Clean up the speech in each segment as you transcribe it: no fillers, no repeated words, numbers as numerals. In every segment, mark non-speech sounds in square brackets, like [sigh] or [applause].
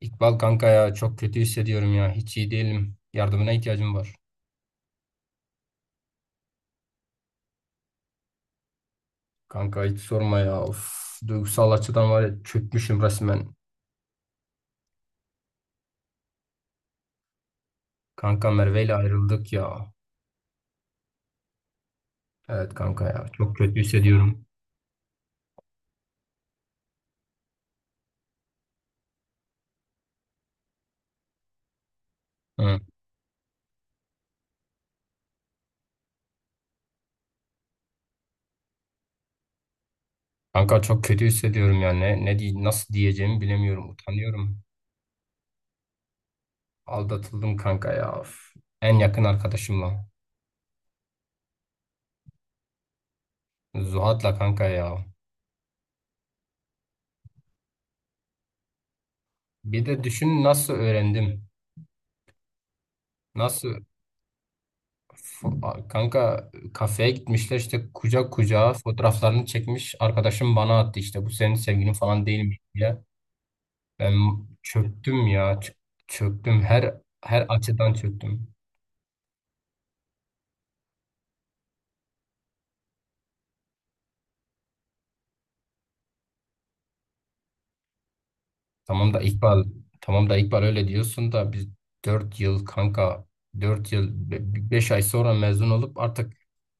İkbal kanka ya, çok kötü hissediyorum ya. Hiç iyi değilim. Yardımına ihtiyacım var. Kanka hiç sorma ya. Of, duygusal açıdan var ya, çökmüşüm resmen. Kanka Merve ile ayrıldık ya. Evet kanka ya, çok kötü hissediyorum. Hı. Kanka çok kötü hissediyorum ya. Ne diye, nasıl diyeceğimi bilemiyorum. Utanıyorum. Aldatıldım kanka ya. Of. En yakın arkadaşımla. Zuhat'la kanka ya. Bir de düşün, nasıl öğrendim. Nasıl? F- Kanka kafeye gitmişler işte, kucak kucağa fotoğraflarını çekmiş. Arkadaşım bana attı işte, bu senin sevgilin falan değil mi diye. Ben çöktüm ya, çöktüm her açıdan çöktüm. Tamam da İkbal tamam da İkbal, öyle diyorsun da biz 4 yıl kanka, 4 yıl 5 ay sonra mezun olup artık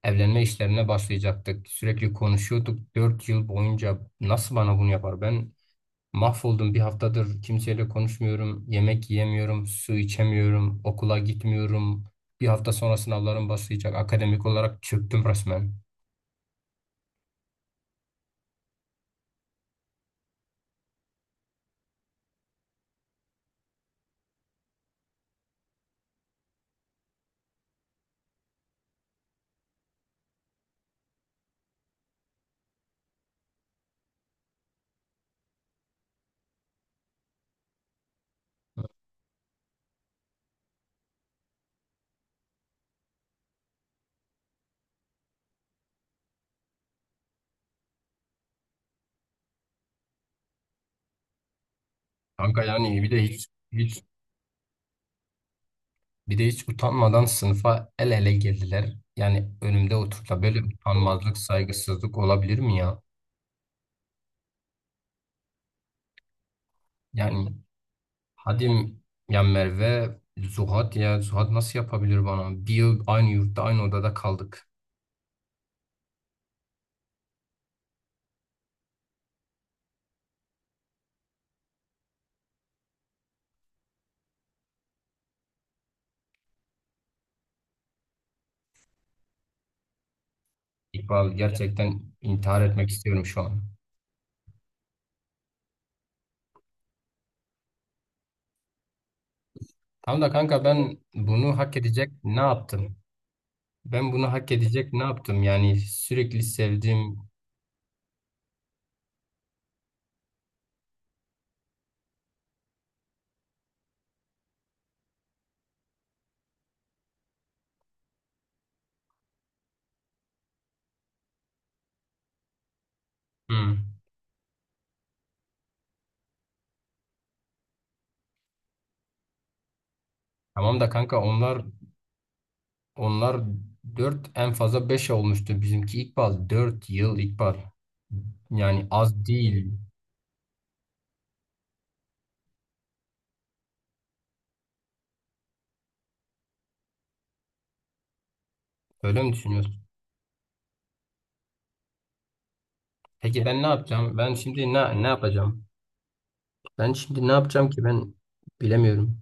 evlenme işlerine başlayacaktık. Sürekli konuşuyorduk 4 yıl boyunca, nasıl bana bunu yapar? Ben mahvoldum, bir haftadır kimseyle konuşmuyorum, yemek yiyemiyorum, su içemiyorum, okula gitmiyorum. Bir hafta sonra sınavlarım başlayacak. Akademik olarak çöktüm resmen. Kanka yani, bir de hiç utanmadan sınıfa el ele girdiler. Yani önümde oturtla, böyle utanmazlık, saygısızlık olabilir mi ya? Yani hadi ya, Merve, Zuhat, ya Zuhat nasıl yapabilir bana? Bir yıl aynı yurtta, aynı odada kaldık. İkbal, gerçekten intihar etmek istiyorum şu an. Tamam da kanka, ben bunu hak edecek ne yaptım? Ben bunu hak edecek ne yaptım? Yani sürekli sevdiğim... Hmm. Tamam da kanka, onlar dört, en fazla 5 olmuştu. Bizimki ilkbahar 4 yıl ilkbahar. Yani az değil. Öyle mi düşünüyorsun? Peki ben ne yapacağım? Ben şimdi ne yapacağım? Ben şimdi ne yapacağım ki, ben bilemiyorum.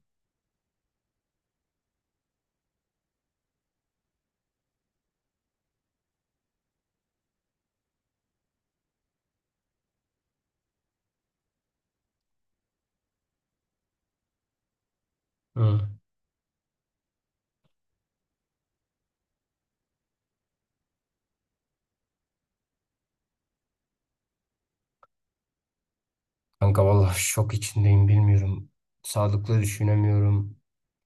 Hmm. Kanka vallahi şok içindeyim, bilmiyorum. Sağlıklı düşünemiyorum.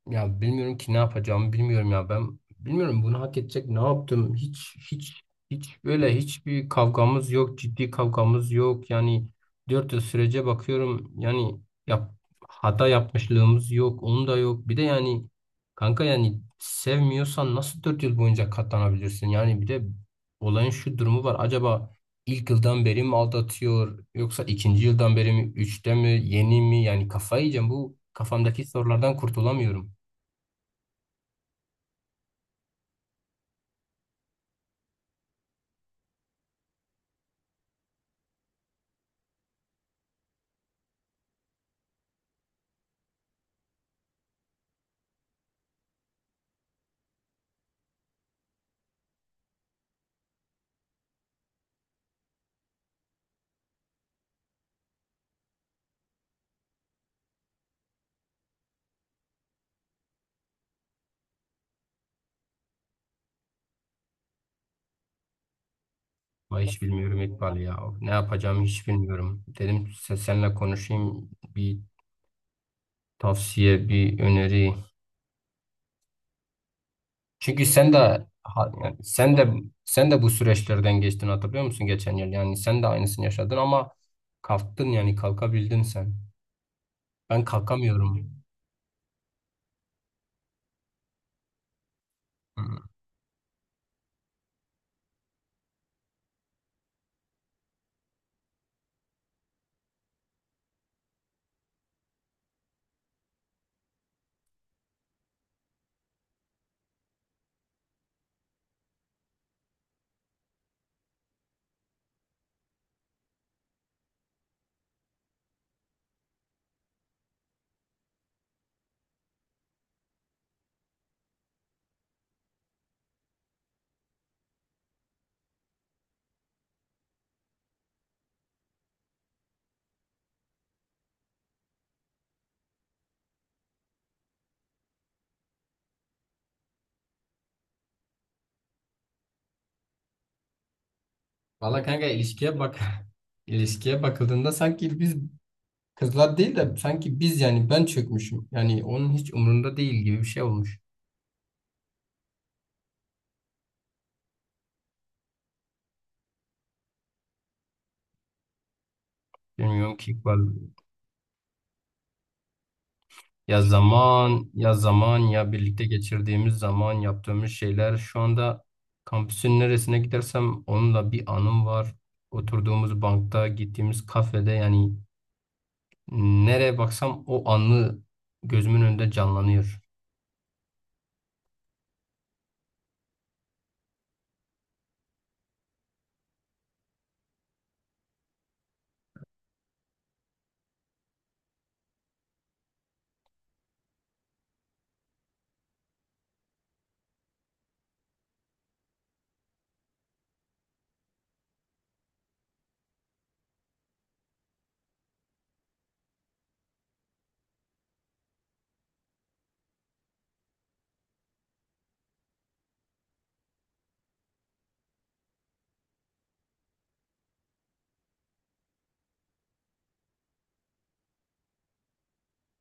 Ya bilmiyorum ki, ne yapacağımı bilmiyorum ya, ben bilmiyorum bunu hak edecek ne yaptım. Hiç böyle hiçbir kavgamız yok, ciddi kavgamız yok yani. Dört yıl sürece bakıyorum yani, yap, hata yapmışlığımız yok, onun da yok. Bir de yani kanka, yani sevmiyorsan nasıl dört yıl boyunca katlanabilirsin yani? Bir de olayın şu durumu var, acaba ilk yıldan beri mi aldatıyor, yoksa ikinci yıldan beri mi, üçte mi, yeni mi? Yani kafayı yiyeceğim bu kafamdaki sorulardan, kurtulamıyorum. Ama hiç bilmiyorum İkbal ya. Ne yapacağımı hiç bilmiyorum. Dedim seninle konuşayım, bir tavsiye, bir öneri. Çünkü yani sen de bu süreçlerden geçtin, hatırlıyor musun geçen yıl? Yani sen de aynısını yaşadın ama kalktın, yani kalkabildin sen. Ben kalkamıyorum. Hı. Valla kanka, ilişkiye bak. [laughs] İlişkiye bakıldığında, sanki biz kızlar değil de sanki biz, yani ben çökmüşüm. Yani onun hiç umurunda değil gibi bir şey olmuş. Bilmiyorum ki İkbal. Ya zaman, ya birlikte geçirdiğimiz zaman, yaptığımız şeyler. Şu anda kampüsün neresine gidersem onunla bir anım var. Oturduğumuz bankta, gittiğimiz kafede, yani nereye baksam o anı gözümün önünde canlanıyor.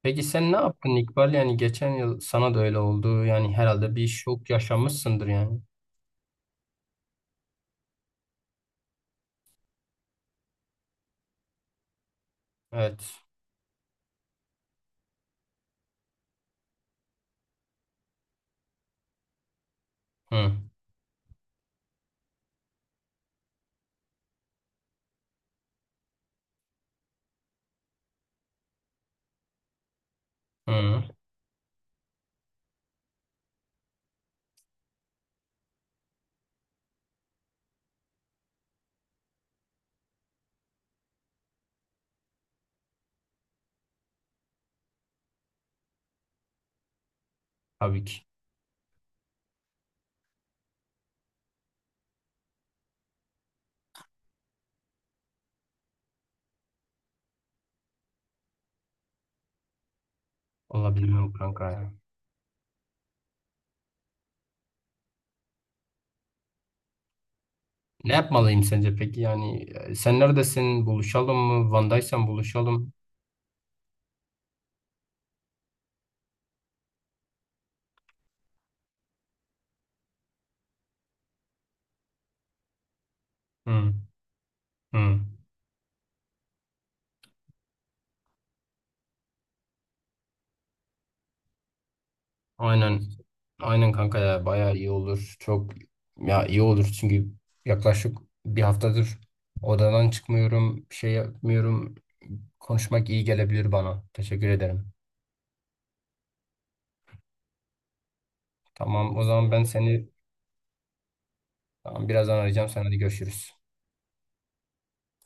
Peki sen ne yaptın İkbal? Yani geçen yıl sana da öyle oldu. Yani herhalde bir şok yaşamışsındır yani. Evet. Hı, hı. Tabii ki. Olabilir mi kanka ya? Ne yapmalıyım sence peki? Yani sen neredesin? Buluşalım mı? Van'daysan buluşalım. Hı, hı. Aynen. Aynen kanka ya, bayağı iyi olur. Çok ya, iyi olur çünkü yaklaşık bir haftadır odadan çıkmıyorum, bir şey yapmıyorum. Konuşmak iyi gelebilir bana. Teşekkür ederim. Tamam o zaman, birazdan arayacağım. Sen hadi görüşürüz.